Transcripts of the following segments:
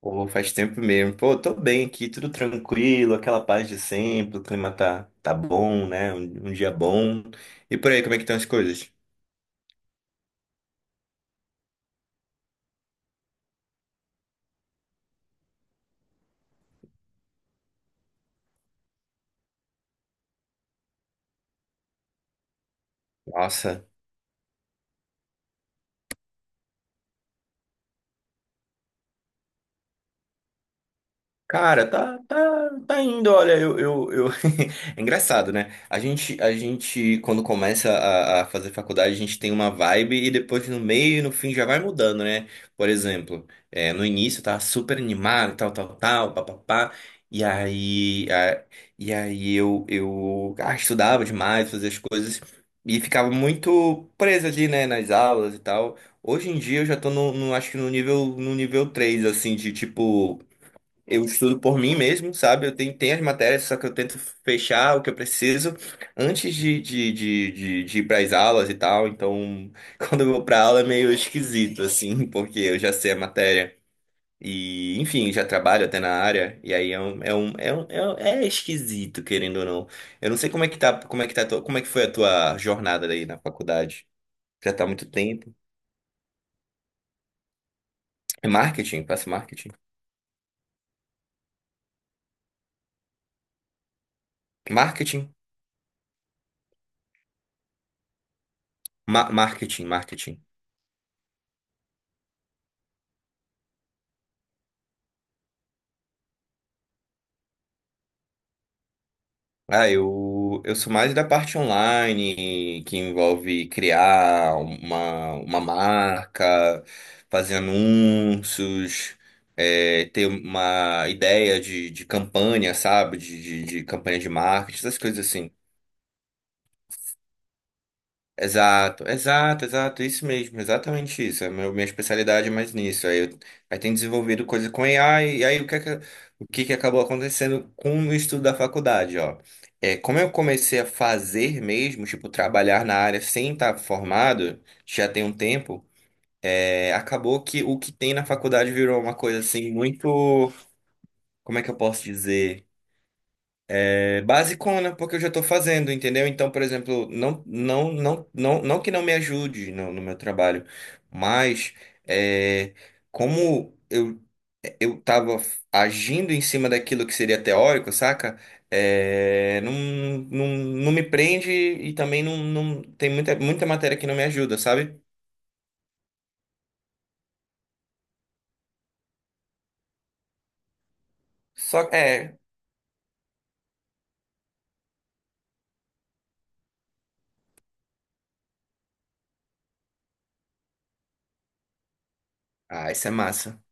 Pô, faz tempo mesmo. Pô, tô bem aqui, tudo tranquilo, aquela paz de sempre, o clima tá bom, né? Um dia bom. E por aí, como é que estão as coisas? Nossa. Cara, tá indo, olha, É engraçado, né? A gente, quando começa a fazer faculdade, a gente tem uma vibe e depois no meio e no fim já vai mudando, né? Por exemplo, no início eu tava super animado, tal, tal, tal, papapá, e aí, e aí eu estudava demais, fazia as coisas e ficava muito preso ali, né, nas aulas e tal. Hoje em dia eu já tô no, acho que no nível, no nível 3 assim, de tipo. Eu estudo por mim mesmo, sabe? Eu tenho as matérias, só que eu tento fechar o que eu preciso antes de ir para as aulas e tal. Então, quando eu vou para aula é meio esquisito, assim, porque eu já sei a matéria. E, enfim, já trabalho até na área. E aí é esquisito, querendo ou não. Eu não sei como é que tá a como é que foi a tua jornada aí na faculdade. Já tá há muito tempo. É marketing, faço marketing. Marketing, ma marketing, marketing. Ah, eu sou mais da parte online, que envolve criar uma marca, fazer anúncios, é, ter uma ideia de campanha, sabe? De campanha de marketing, essas coisas assim. Exato, exato, exato, isso mesmo, exatamente isso. É a minha especialidade é mais nisso. Aí tem desenvolvido coisa com AI, e aí o que que acabou acontecendo com o estudo da faculdade, ó. É, como eu comecei a fazer mesmo, tipo, trabalhar na área sem estar formado, já tem um tempo, é, acabou que o que tem na faculdade virou uma coisa assim muito, como é que eu posso dizer? É basicona, porque eu já estou fazendo, entendeu? Então, por exemplo, não que não me ajude no meu trabalho, mas é, como eu estava agindo em cima daquilo que seria teórico, saca? É, não me prende e também não, não tem muita matéria que não me ajuda, sabe? Só é. Ah, isso é massa.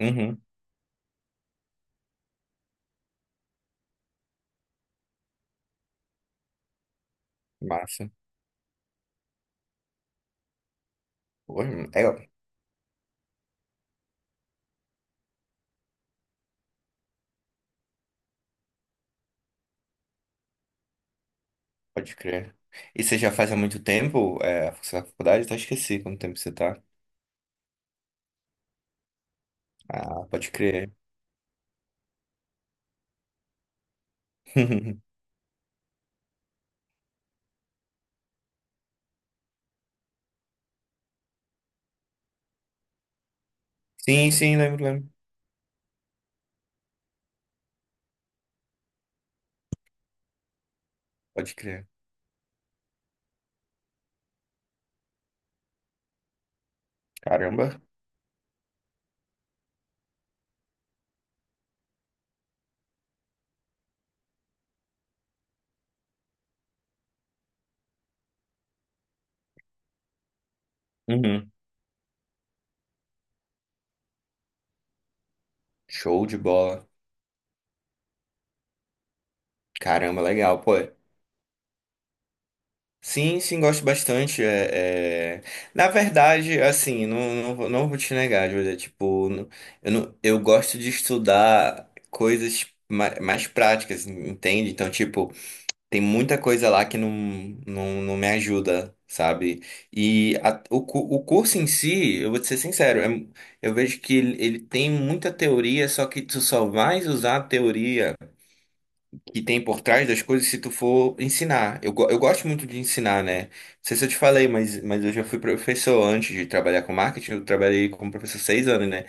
Uhum, massa. Pô, é. Pode crer. E você já faz há muito tempo, é, você tá na faculdade? Até esqueci quanto tempo você tá. Ah, pode crer. Sim, sim, lembro, lembro. Pode crer. Caramba. Uhum. Show de bola. Caramba, legal, pô. Sim, sim, gosto bastante. É, é... Na verdade, assim, não vou te negar, Julia. Tipo, eu, não, eu gosto de estudar coisas mais práticas, entende? Então, tipo, tem muita coisa lá que não me ajuda, sabe? E o curso em si, eu vou te ser sincero, eu vejo que ele tem muita teoria, só que tu só vai usar a teoria que tem por trás das coisas se tu for ensinar. Eu gosto muito de ensinar, né? Não sei se eu te falei, mas eu já fui professor antes de trabalhar com marketing, eu trabalhei como professor 6 anos, né?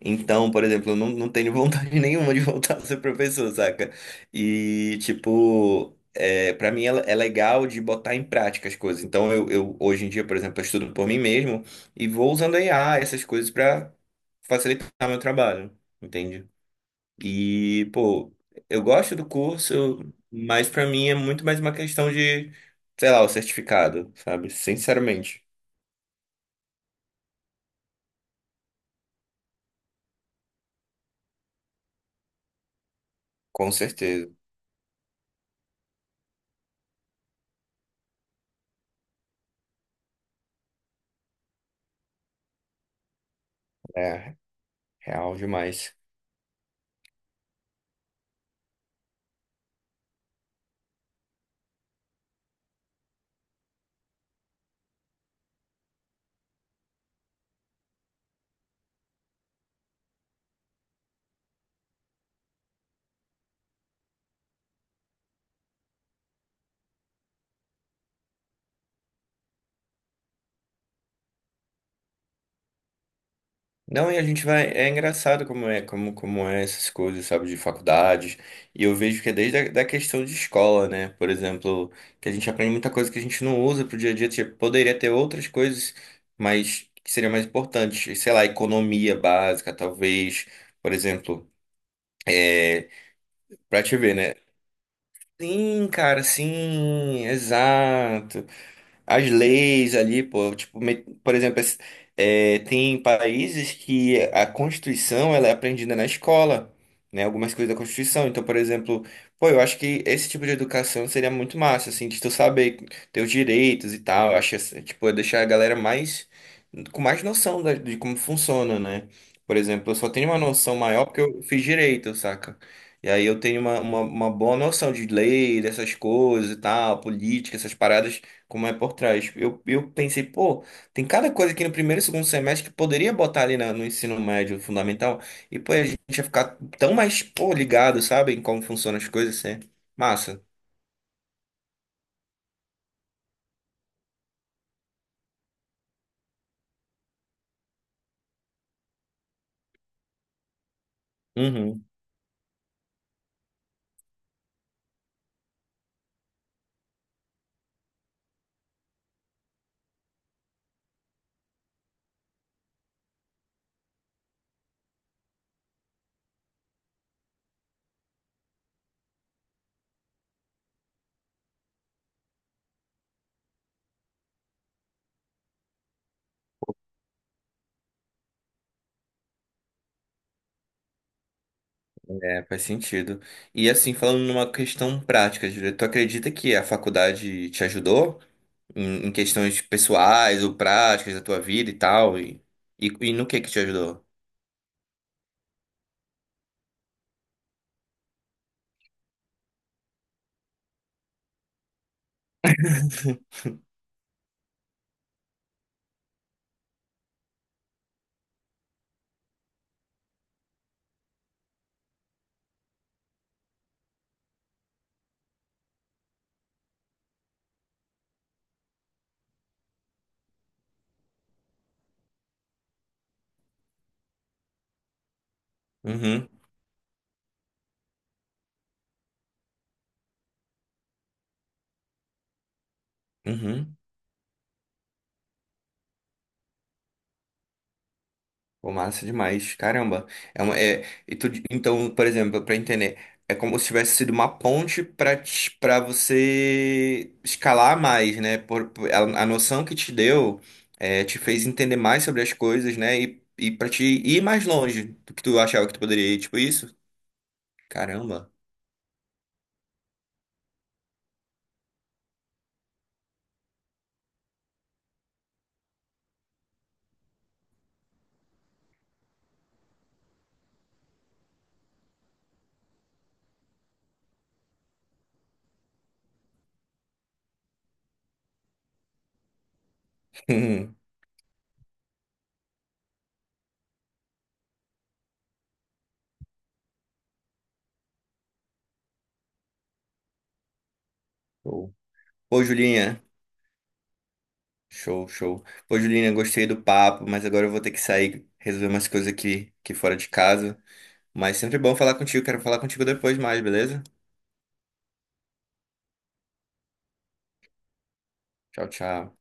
Então, por exemplo, eu não tenho vontade nenhuma de voltar a ser professor, saca? E, tipo, é, para mim é, é legal de botar em prática as coisas. Então, eu hoje em dia, por exemplo, eu estudo por mim mesmo e vou usando a IA, essas coisas, pra facilitar meu trabalho, entende? E, pô, eu gosto do curso, mas pra mim é muito mais uma questão de, sei lá, o certificado, sabe? Sinceramente, com certeza. É real demais. Não, e a gente vai. É engraçado como é, como, como é essas coisas, sabe, de faculdades. E eu vejo que é desde a da questão de escola, né? Por exemplo, que a gente aprende muita coisa que a gente não usa pro dia a dia. Tipo, poderia ter outras coisas, mas que seriam mais importantes. Sei lá, economia básica, talvez. Por exemplo, é, pra te ver, né? Sim, cara, sim, exato, as leis ali, pô, tipo, por exemplo, é, tem países que a Constituição ela é aprendida na escola, né? Algumas coisas da Constituição. Então, por exemplo, pô, eu acho que esse tipo de educação seria muito massa, assim, de tu saber teus direitos e tal. Eu acho, assim, tipo, é deixar a galera mais com mais noção de como funciona, né? Por exemplo, eu só tenho uma noção maior porque eu fiz direito, saca? E aí eu tenho uma boa noção de lei, dessas coisas e tal, política, essas paradas como é por trás. Eu pensei, pô, tem cada coisa aqui no primeiro e segundo semestre que poderia botar ali no ensino médio fundamental, e pô, a gente ia ficar tão mais, pô, ligado, sabe, em como funcionam as coisas, assim. Massa. Uhum. É, faz sentido. E assim, falando numa questão prática, Júlia, tu acredita que a faculdade te ajudou em, em questões pessoais ou práticas da tua vida e tal? E, e no que te ajudou? Uhum, uhum. Pô, massa demais. Caramba. É uma, é, então, por exemplo, para entender, é como se tivesse sido uma ponte para você escalar mais, né? A noção que te deu é, te fez entender mais sobre as coisas, né? E para te ir mais longe do que tu achava que tu poderia ir, tipo isso? Caramba. Hum. Show. Pô, Julinha. Show, show. Pô, Julinha, gostei do papo, mas agora eu vou ter que sair resolver umas coisas aqui, aqui fora de casa. Mas sempre bom falar contigo. Quero falar contigo depois mais, beleza? Tchau, tchau.